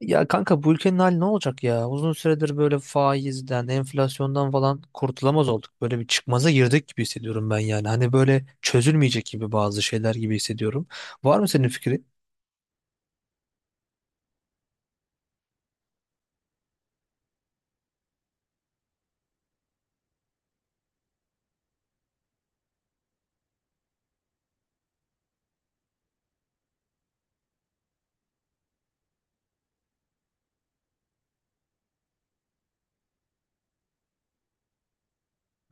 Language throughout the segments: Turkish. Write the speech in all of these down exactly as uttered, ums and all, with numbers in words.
Ya kanka bu ülkenin hali ne olacak ya? Uzun süredir böyle faizden, enflasyondan falan kurtulamaz olduk. Böyle bir çıkmaza girdik gibi hissediyorum ben yani. Hani böyle çözülmeyecek gibi bazı şeyler gibi hissediyorum. Var mı senin fikrin?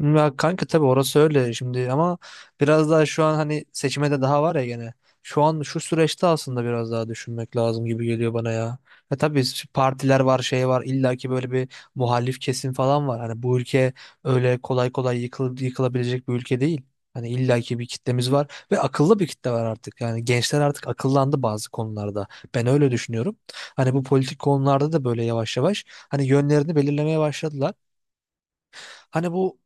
Ya kanka tabii orası öyle şimdi ama biraz daha şu an hani seçime de daha var ya gene. Şu an şu süreçte aslında biraz daha düşünmek lazım gibi geliyor bana ya. Ya tabii s- partiler var şey var illa ki böyle bir muhalif kesim falan var. Hani bu ülke öyle kolay kolay yıkıl, yıkılabilecek bir ülke değil. Hani illa ki bir kitlemiz var ve akıllı bir kitle var artık. Yani gençler artık akıllandı bazı konularda. Ben öyle düşünüyorum. Hani bu politik konularda da böyle yavaş yavaş hani yönlerini belirlemeye başladılar. Hani bu.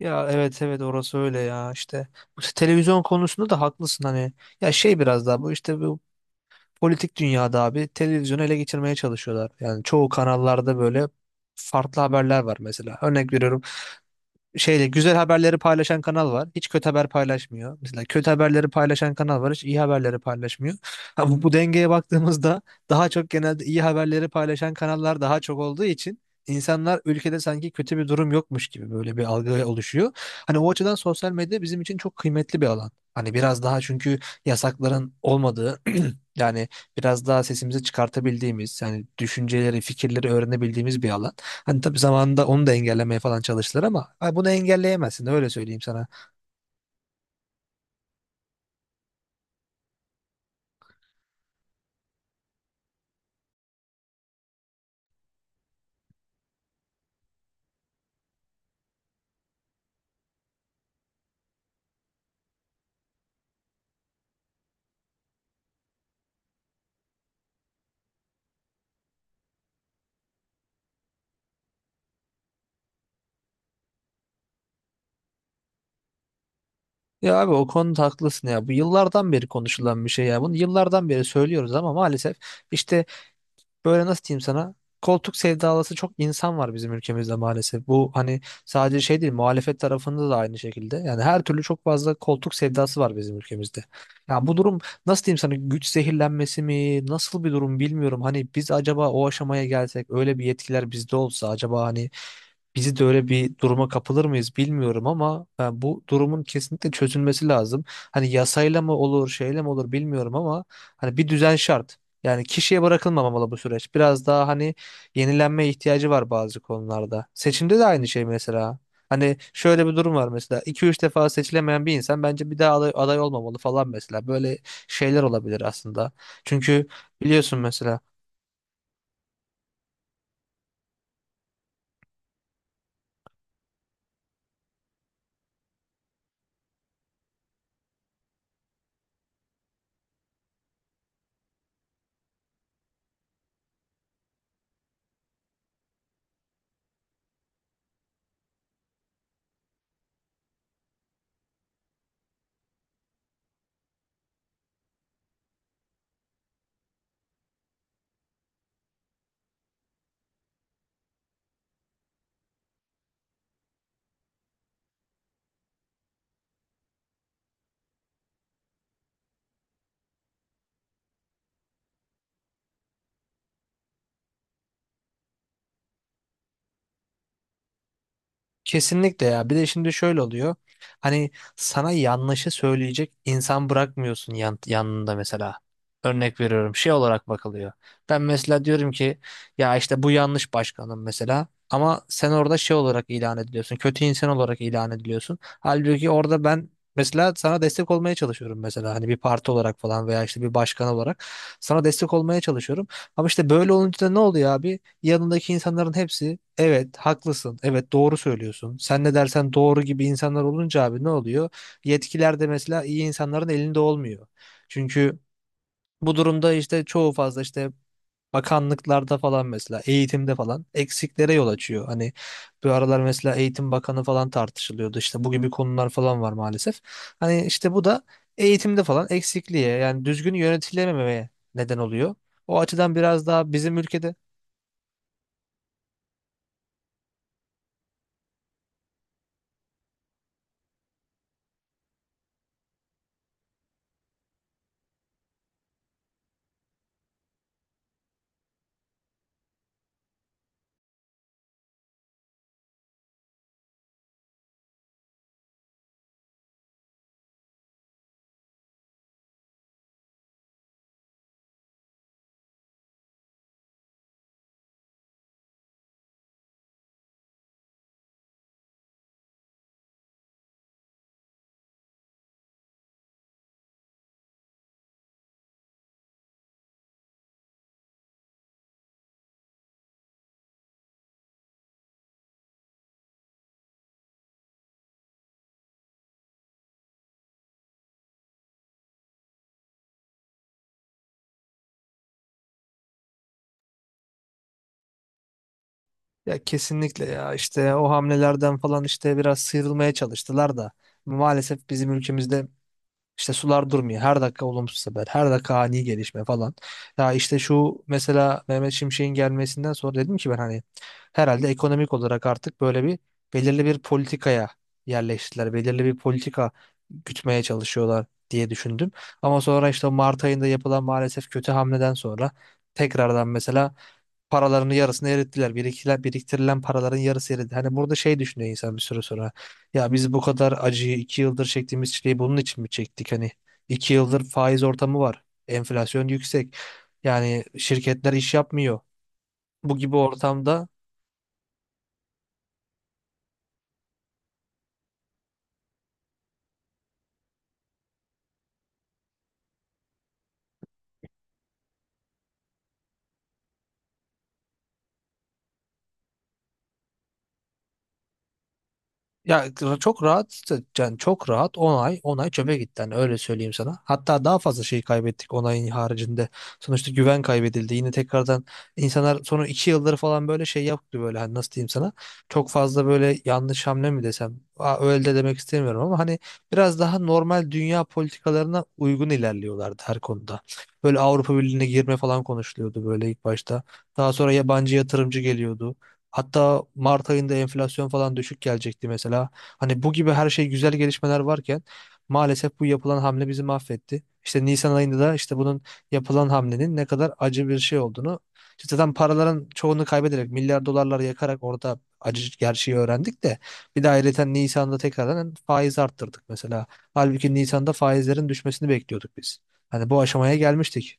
Ya evet, evet, orası öyle ya işte bu televizyon konusunda da haklısın. Hani ya şey biraz daha bu işte bu politik dünyada abi televizyonu ele geçirmeye çalışıyorlar, yani çoğu kanallarda böyle farklı haberler var. Mesela örnek veriyorum, şeyle güzel haberleri paylaşan kanal var. Hiç kötü haber paylaşmıyor. Mesela kötü haberleri paylaşan kanal var. Hiç iyi haberleri paylaşmıyor. Ha, bu, bu dengeye baktığımızda daha çok genelde iyi haberleri paylaşan kanallar daha çok olduğu için insanlar ülkede sanki kötü bir durum yokmuş gibi böyle bir algı oluşuyor. Hani o açıdan sosyal medya bizim için çok kıymetli bir alan. Hani biraz daha çünkü yasakların olmadığı, yani biraz daha sesimizi çıkartabildiğimiz, yani düşünceleri, fikirleri öğrenebildiğimiz bir alan. Hani tabii zamanında onu da engellemeye falan çalıştılar ama ha, bunu engelleyemezsin, öyle söyleyeyim sana. Ya abi o konuda haklısın ya. Bu yıllardan beri konuşulan bir şey ya. Bunu yıllardan beri söylüyoruz ama maalesef işte böyle, nasıl diyeyim sana? Koltuk sevdalısı çok insan var bizim ülkemizde maalesef. Bu hani sadece şey değil, muhalefet tarafında da aynı şekilde. Yani her türlü çok fazla koltuk sevdası var bizim ülkemizde. Ya bu durum, nasıl diyeyim sana, güç zehirlenmesi mi, nasıl bir durum bilmiyorum. Hani biz acaba o aşamaya gelsek, öyle bir yetkiler bizde olsa acaba hani bizi de öyle bir duruma kapılır mıyız bilmiyorum ama e, bu durumun kesinlikle çözülmesi lazım. Hani yasayla mı olur, şeyle mi olur bilmiyorum ama hani bir düzen şart. Yani kişiye bırakılmamalı bu süreç. Biraz daha hani yenilenme ihtiyacı var bazı konularda. Seçimde de aynı şey mesela. Hani şöyle bir durum var mesela, iki üç defa seçilemeyen bir insan bence bir daha aday, aday olmamalı falan mesela. Böyle şeyler olabilir aslında. Çünkü biliyorsun mesela. Kesinlikle ya. Bir de şimdi şöyle oluyor. Hani sana yanlışı söyleyecek insan bırakmıyorsun yan, yanında mesela. Örnek veriyorum. Şey olarak bakılıyor. Ben mesela diyorum ki ya işte bu yanlış başkanım mesela. Ama sen orada şey olarak ilan ediliyorsun. Kötü insan olarak ilan ediliyorsun. Halbuki orada ben mesela sana destek olmaya çalışıyorum mesela. Hani bir parti olarak falan veya işte bir başkan olarak sana destek olmaya çalışıyorum. Ama işte böyle olunca da ne oluyor abi? Yanındaki insanların hepsi evet haklısın, evet doğru söylüyorsun. Sen ne dersen doğru gibi insanlar olunca abi ne oluyor? Yetkiler de mesela iyi insanların elinde olmuyor. Çünkü bu durumda işte çoğu fazla işte bakanlıklarda falan, mesela eğitimde falan eksiklere yol açıyor. Hani bu aralar mesela Eğitim Bakanı falan tartışılıyordu. İşte bu gibi konular falan var maalesef. Hani işte bu da eğitimde falan eksikliğe, yani düzgün yönetilmemeye neden oluyor. O açıdan biraz daha bizim ülkede. Ya kesinlikle ya, işte o hamlelerden falan işte biraz sıyrılmaya çalıştılar da maalesef bizim ülkemizde işte sular durmuyor. Her dakika olumsuz haber, her dakika ani gelişme falan. Ya işte şu mesela Mehmet Şimşek'in gelmesinden sonra dedim ki ben hani herhalde ekonomik olarak artık böyle bir belirli bir politikaya yerleştiler. Belirli bir politika gütmeye çalışıyorlar diye düşündüm. Ama sonra işte Mart ayında yapılan maalesef kötü hamleden sonra tekrardan mesela paralarını yarısını erittiler. Biriktirilen, biriktirilen paraların yarısı eridi. Hani burada şey düşünüyor insan bir süre sonra. Ya biz bu kadar acıyı iki yıldır çektiğimiz çileyi bunun için mi çektik? Hani iki yıldır faiz ortamı var. Enflasyon yüksek. Yani şirketler iş yapmıyor. Bu gibi ortamda Ya ra- çok rahat, yani çok rahat on ay on ay çöpe gitti hani, öyle söyleyeyim sana. Hatta daha fazla şey kaybettik on ayın haricinde. Sonuçta güven kaybedildi. Yine tekrardan insanlar sonra iki yıldır falan böyle şey yaptı böyle, hani nasıl diyeyim sana. Çok fazla böyle yanlış hamle mi desem? Aa, öyle de demek istemiyorum ama hani biraz daha normal dünya politikalarına uygun ilerliyorlardı her konuda. Böyle Avrupa Birliği'ne girme falan konuşuluyordu böyle ilk başta. Daha sonra yabancı yatırımcı geliyordu. Hatta Mart ayında enflasyon falan düşük gelecekti mesela. Hani bu gibi her şey güzel gelişmeler varken maalesef bu yapılan hamle bizi mahvetti. İşte Nisan ayında da işte bunun, yapılan hamlenin ne kadar acı bir şey olduğunu işte zaten paraların çoğunu kaybederek milyar dolarlar yakarak orada acı gerçeği öğrendik de, bir de ayrıca Nisan'da tekrardan faiz arttırdık mesela. Halbuki Nisan'da faizlerin düşmesini bekliyorduk biz. Hani bu aşamaya gelmiştik.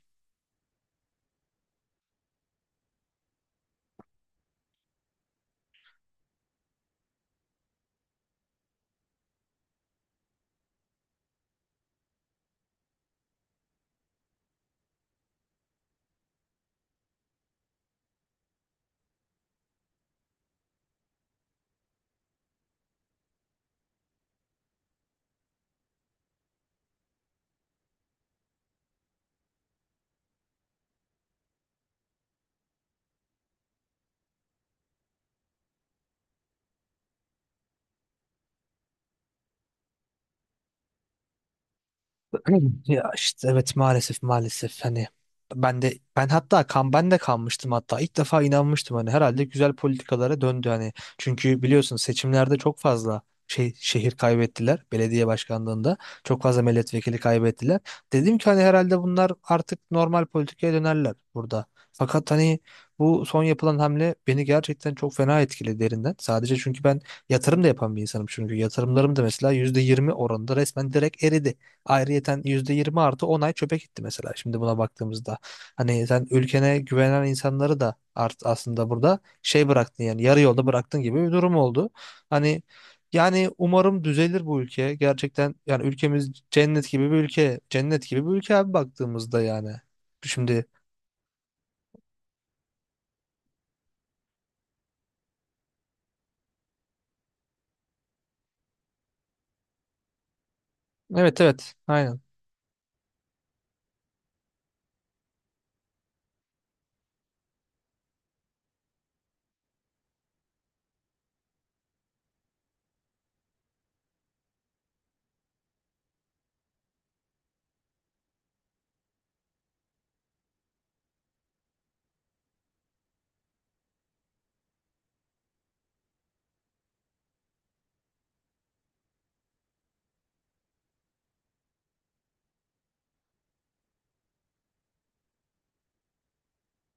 Ya işte evet, maalesef maalesef hani ben de ben hatta kan ben de kanmıştım, hatta ilk defa inanmıştım hani herhalde güzel politikalara döndü hani, çünkü biliyorsun seçimlerde çok fazla şey şehir kaybettiler belediye başkanlığında, çok fazla milletvekili kaybettiler. Dedim ki hani herhalde bunlar artık normal politikaya dönerler burada fakat hani bu son yapılan hamle beni gerçekten çok fena etkiledi derinden. Sadece çünkü ben yatırım da yapan bir insanım, çünkü yatırımlarım da mesela yüzde yirmi oranında resmen direkt eridi. Ayrıyeten yüzde yirmi artı on ay çöpe gitti mesela şimdi buna baktığımızda. Hani sen ülkene güvenen insanları da art aslında burada şey bıraktın, yani yarı yolda bıraktın gibi bir durum oldu. Hani yani umarım düzelir bu ülke. Gerçekten yani ülkemiz cennet gibi bir ülke. Cennet gibi bir ülke abi baktığımızda yani. Şimdi, evet, evet, aynen.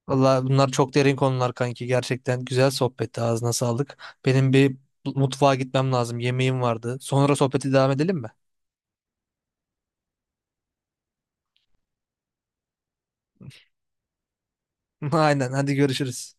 Valla bunlar çok derin konular kanki. Gerçekten güzel sohbetti. Ağzına sağlık. Benim bir mutfağa gitmem lazım. Yemeğim vardı. Sonra sohbeti devam edelim mi? Aynen, hadi görüşürüz.